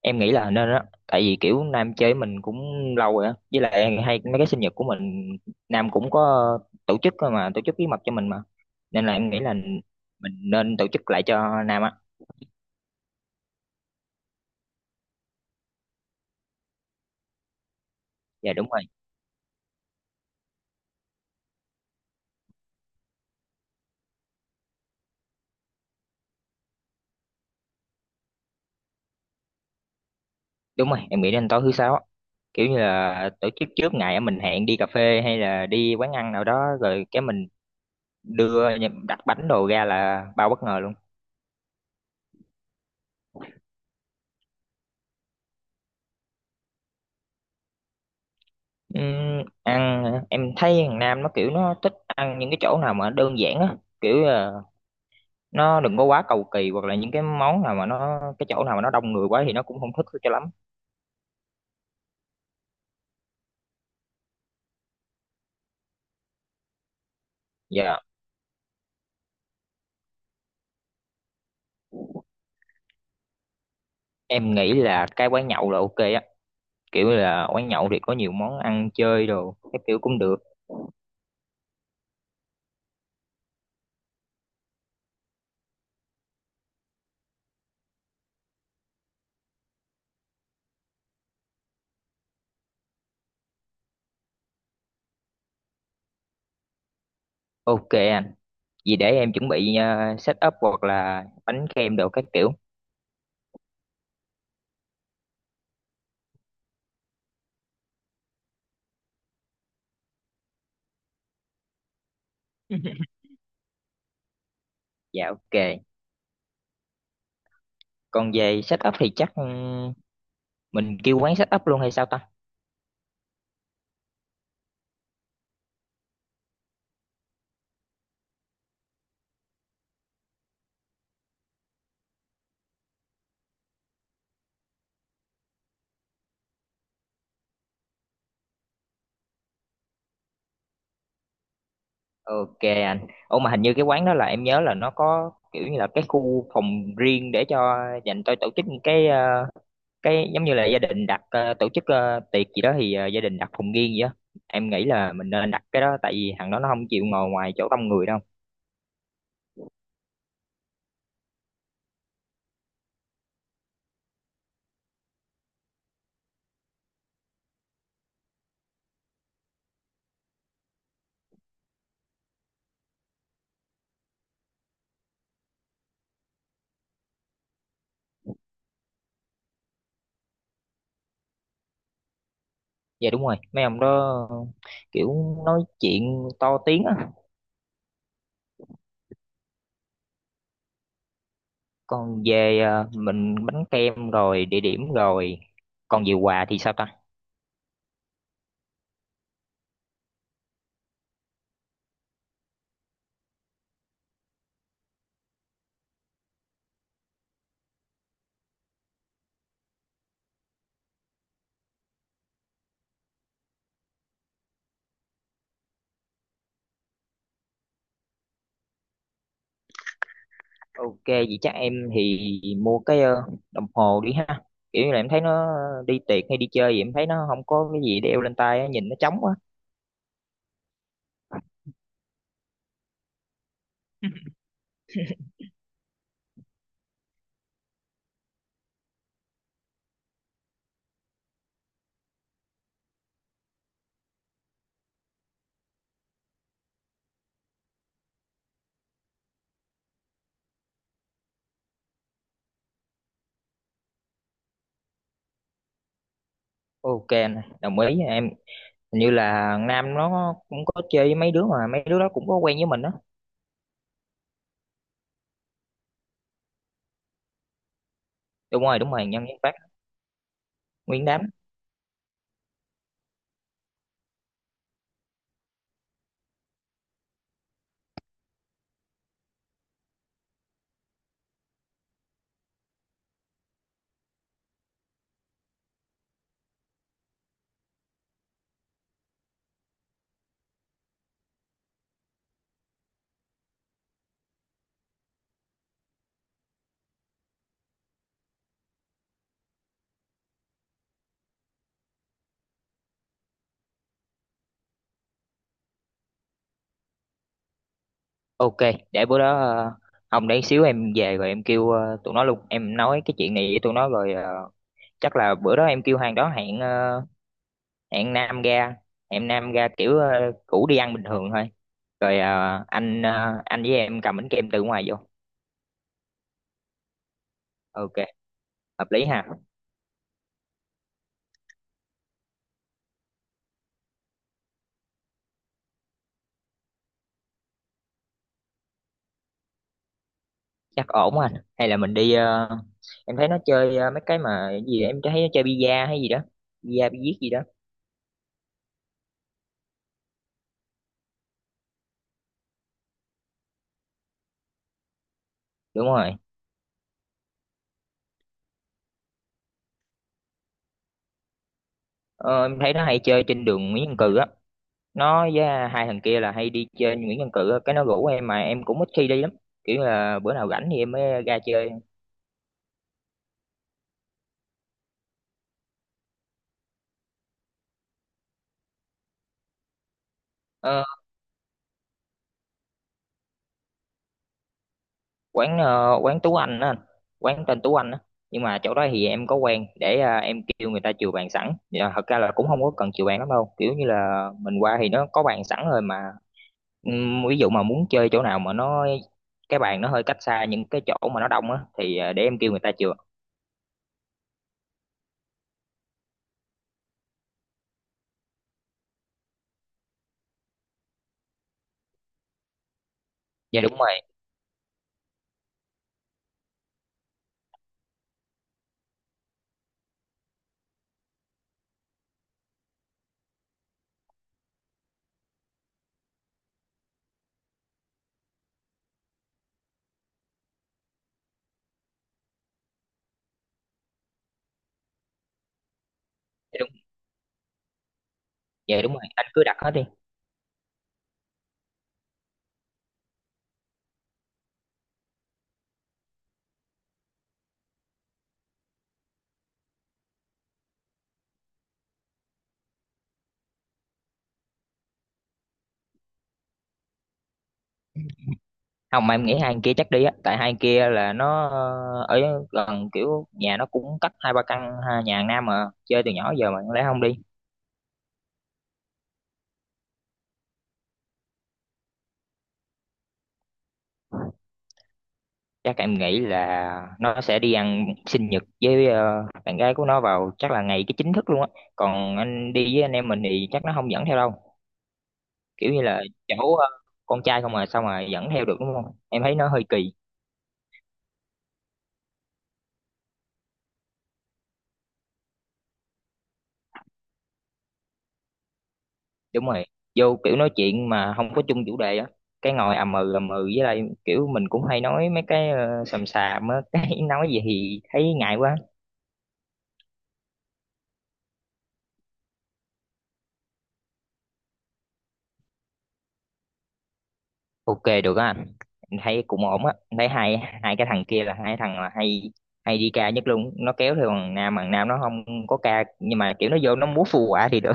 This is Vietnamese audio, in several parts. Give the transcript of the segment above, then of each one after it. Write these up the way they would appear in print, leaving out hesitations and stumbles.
Em nghĩ là nên á, tại vì kiểu Nam chơi mình cũng lâu rồi á, với lại hay mấy cái sinh nhật của mình Nam cũng có tổ chức, cơ mà tổ chức bí mật cho mình mà, nên là em nghĩ là mình nên tổ chức lại cho Nam á. Dạ đúng rồi, đúng rồi, em nghĩ nên tối thứ sáu á. Kiểu như là tổ chức trước ngày á, mình hẹn đi cà phê hay là đi quán ăn nào đó rồi cái mình đưa đặt bánh đồ ra là bao bất ngờ luôn. Ăn hả? Em thấy thằng Nam nó kiểu nó thích ăn những cái chỗ nào mà đơn giản á, kiểu nó đừng có quá cầu kỳ, hoặc là những cái món nào mà nó, cái chỗ nào mà nó đông người quá thì nó cũng không thích cho lắm. Dạ, em nghĩ là cái quán nhậu là ok á, kiểu là quán nhậu thì có nhiều món ăn chơi đồ, cái kiểu cũng được. Ok anh, vì để em chuẩn bị set up hoặc là bánh kem đồ các kiểu. Dạ ok. Còn về set up thì chắc mình kêu quán set up luôn hay sao ta. Ok anh, ồ, mà hình như cái quán đó là em nhớ là nó có kiểu như là cái khu phòng riêng để cho, dành cho tổ chức những cái cái giống như là gia đình đặt tổ chức tiệc gì đó, thì gia đình đặt phòng riêng gì đó. Em nghĩ là mình nên đặt cái đó, tại vì thằng đó nó không chịu ngồi ngoài chỗ đông người đâu. Dạ đúng rồi, mấy ông đó kiểu nói chuyện to tiếng á. Còn về mình bánh kem rồi địa điểm rồi, còn về quà thì sao ta. Ok, vậy chắc em thì mua cái đồng hồ đi ha, kiểu như là em thấy nó đi tiệc hay đi chơi thì em thấy nó không có cái gì đeo lên tay á, nhìn nó trống quá. Ok anh, đồng ý em. Hình như là Nam nó cũng có chơi với mấy đứa mà mấy đứa đó cũng có quen với mình đó. Đúng rồi, đúng rồi, Nhân viên phát. Nguyên đám. Ok, để bữa đó Hồng, để xíu em về rồi em kêu tụi nó luôn, em nói cái chuyện này với tụi nó, rồi chắc là bữa đó em kêu hàng đó hẹn hẹn Nam ra, hẹn Nam ra kiểu cũ, đi ăn bình thường thôi, rồi anh anh với em cầm bánh kem từ ngoài vô. Ok. Hợp lý ha. Chắc ổn anh, hay là mình đi em thấy nó chơi mấy cái mà cái gì đó, em thấy nó chơi bida hay gì đó, bida bi giết gì đó. Đúng rồi. Ờ, em thấy nó hay chơi trên đường Nguyễn Văn Cừ á, nó với hai thằng kia là hay đi chơi Nguyễn Văn Cừ á. Cái nó rủ em mà em cũng ít khi đi lắm, kiểu là bữa nào rảnh thì em mới ra chơi. Ờ, quán quán Tú Anh á anh. Quán tên Tú Anh á, nhưng mà chỗ đó thì em có quen để em kêu người ta chiều bàn sẵn. Dạ, thật ra là cũng không có cần chiều bàn lắm đâu, kiểu như là mình qua thì nó có bàn sẵn rồi mà. Ví dụ mà muốn chơi chỗ nào mà nó, cái bàn nó hơi cách xa những cái chỗ mà nó đông á, thì để em kêu người ta chiều. Dạ đúng rồi. Dạ đúng. Dạ đúng rồi, anh cứ đặt hết đi. Không, mà em nghĩ hai anh kia chắc đi á, tại hai anh kia là nó ở gần, kiểu nhà nó cũng cách hai ba căn ha, nhà hàng Nam mà chơi từ nhỏ giờ mà lẽ không đi. Chắc em nghĩ là nó sẽ đi ăn sinh nhật với bạn gái của nó vào chắc là ngày cái chính thức luôn á, còn anh đi với anh em mình thì chắc nó không dẫn theo đâu. Kiểu như là cháu con trai không mà sao mà dẫn theo được, đúng không, em thấy nó hơi kỳ. Đúng rồi, vô kiểu nói chuyện mà không có chung chủ đề á, cái ngồi ầm ừ ầm ừ, với lại kiểu mình cũng hay nói mấy cái xàm xàm á cái nói gì thì thấy ngại quá. Ok được á anh. Em thấy cũng ổn á. Em thấy hai hai cái thằng kia là hai thằng là hay hay đi ca nhất luôn, nó kéo theo thằng Nam, thằng Nam nó không có ca nhưng mà kiểu nó vô nó múa phù quả thì được.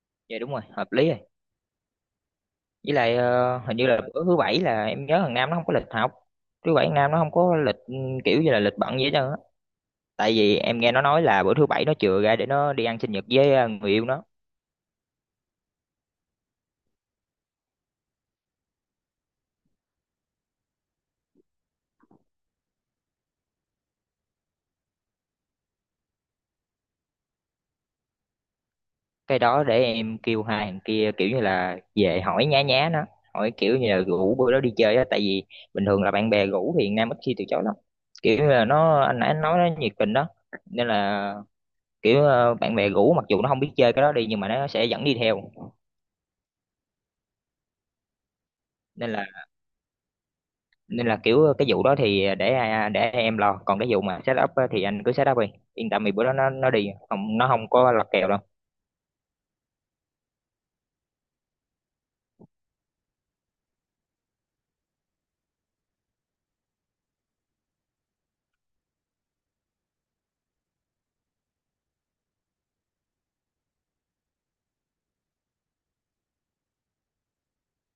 Dạ đúng rồi, hợp lý rồi. Với lại hình như là bữa thứ bảy là em nhớ thằng Nam nó không có lịch học. Thứ bảy thằng Nam nó không có lịch, kiểu như là lịch bận gì hết trơn á, tại vì em nghe nó nói là bữa thứ bảy nó chừa ra để nó đi ăn sinh nhật với người yêu nó. Cái đó để em kêu hai thằng kia, kiểu như là về hỏi nhá nhá nó, hỏi kiểu như là rủ bữa đó đi chơi á, tại vì bình thường là bạn bè rủ thì Nam ít khi từ chối lắm, kiểu như là nó, anh nãy nói nó nhiệt tình đó, nên là kiểu bạn bè rủ mặc dù nó không biết chơi cái đó đi, nhưng mà nó sẽ dẫn đi theo. Nên là nên là kiểu cái vụ đó thì để em lo, còn cái vụ mà set up á thì anh cứ set up đi, yên tâm, vì bữa đó nó đi, không nó không có lật kèo đâu.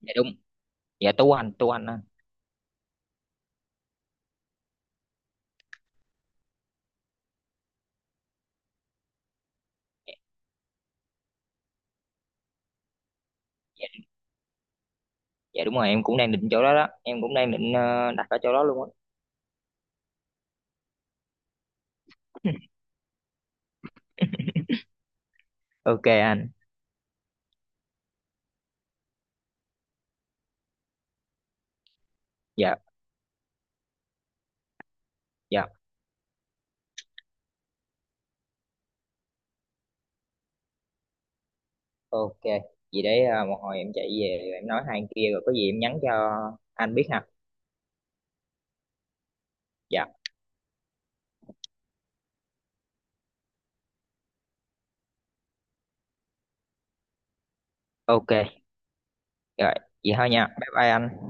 Dạ đúng. Dạ Tú Anh, Tú Anh á. Dạ, dạ đúng rồi, em cũng đang định chỗ đó đó, em cũng đang định đặt ở chỗ đó luôn á. Ok anh. Dạ. Dạ ok. Vậy đấy, à, một hồi em chạy về rồi em nói hai anh kia, rồi có gì em nhắn cho anh biết ha. Dạ ok. Rồi. Vậy thôi nha, bye bye anh.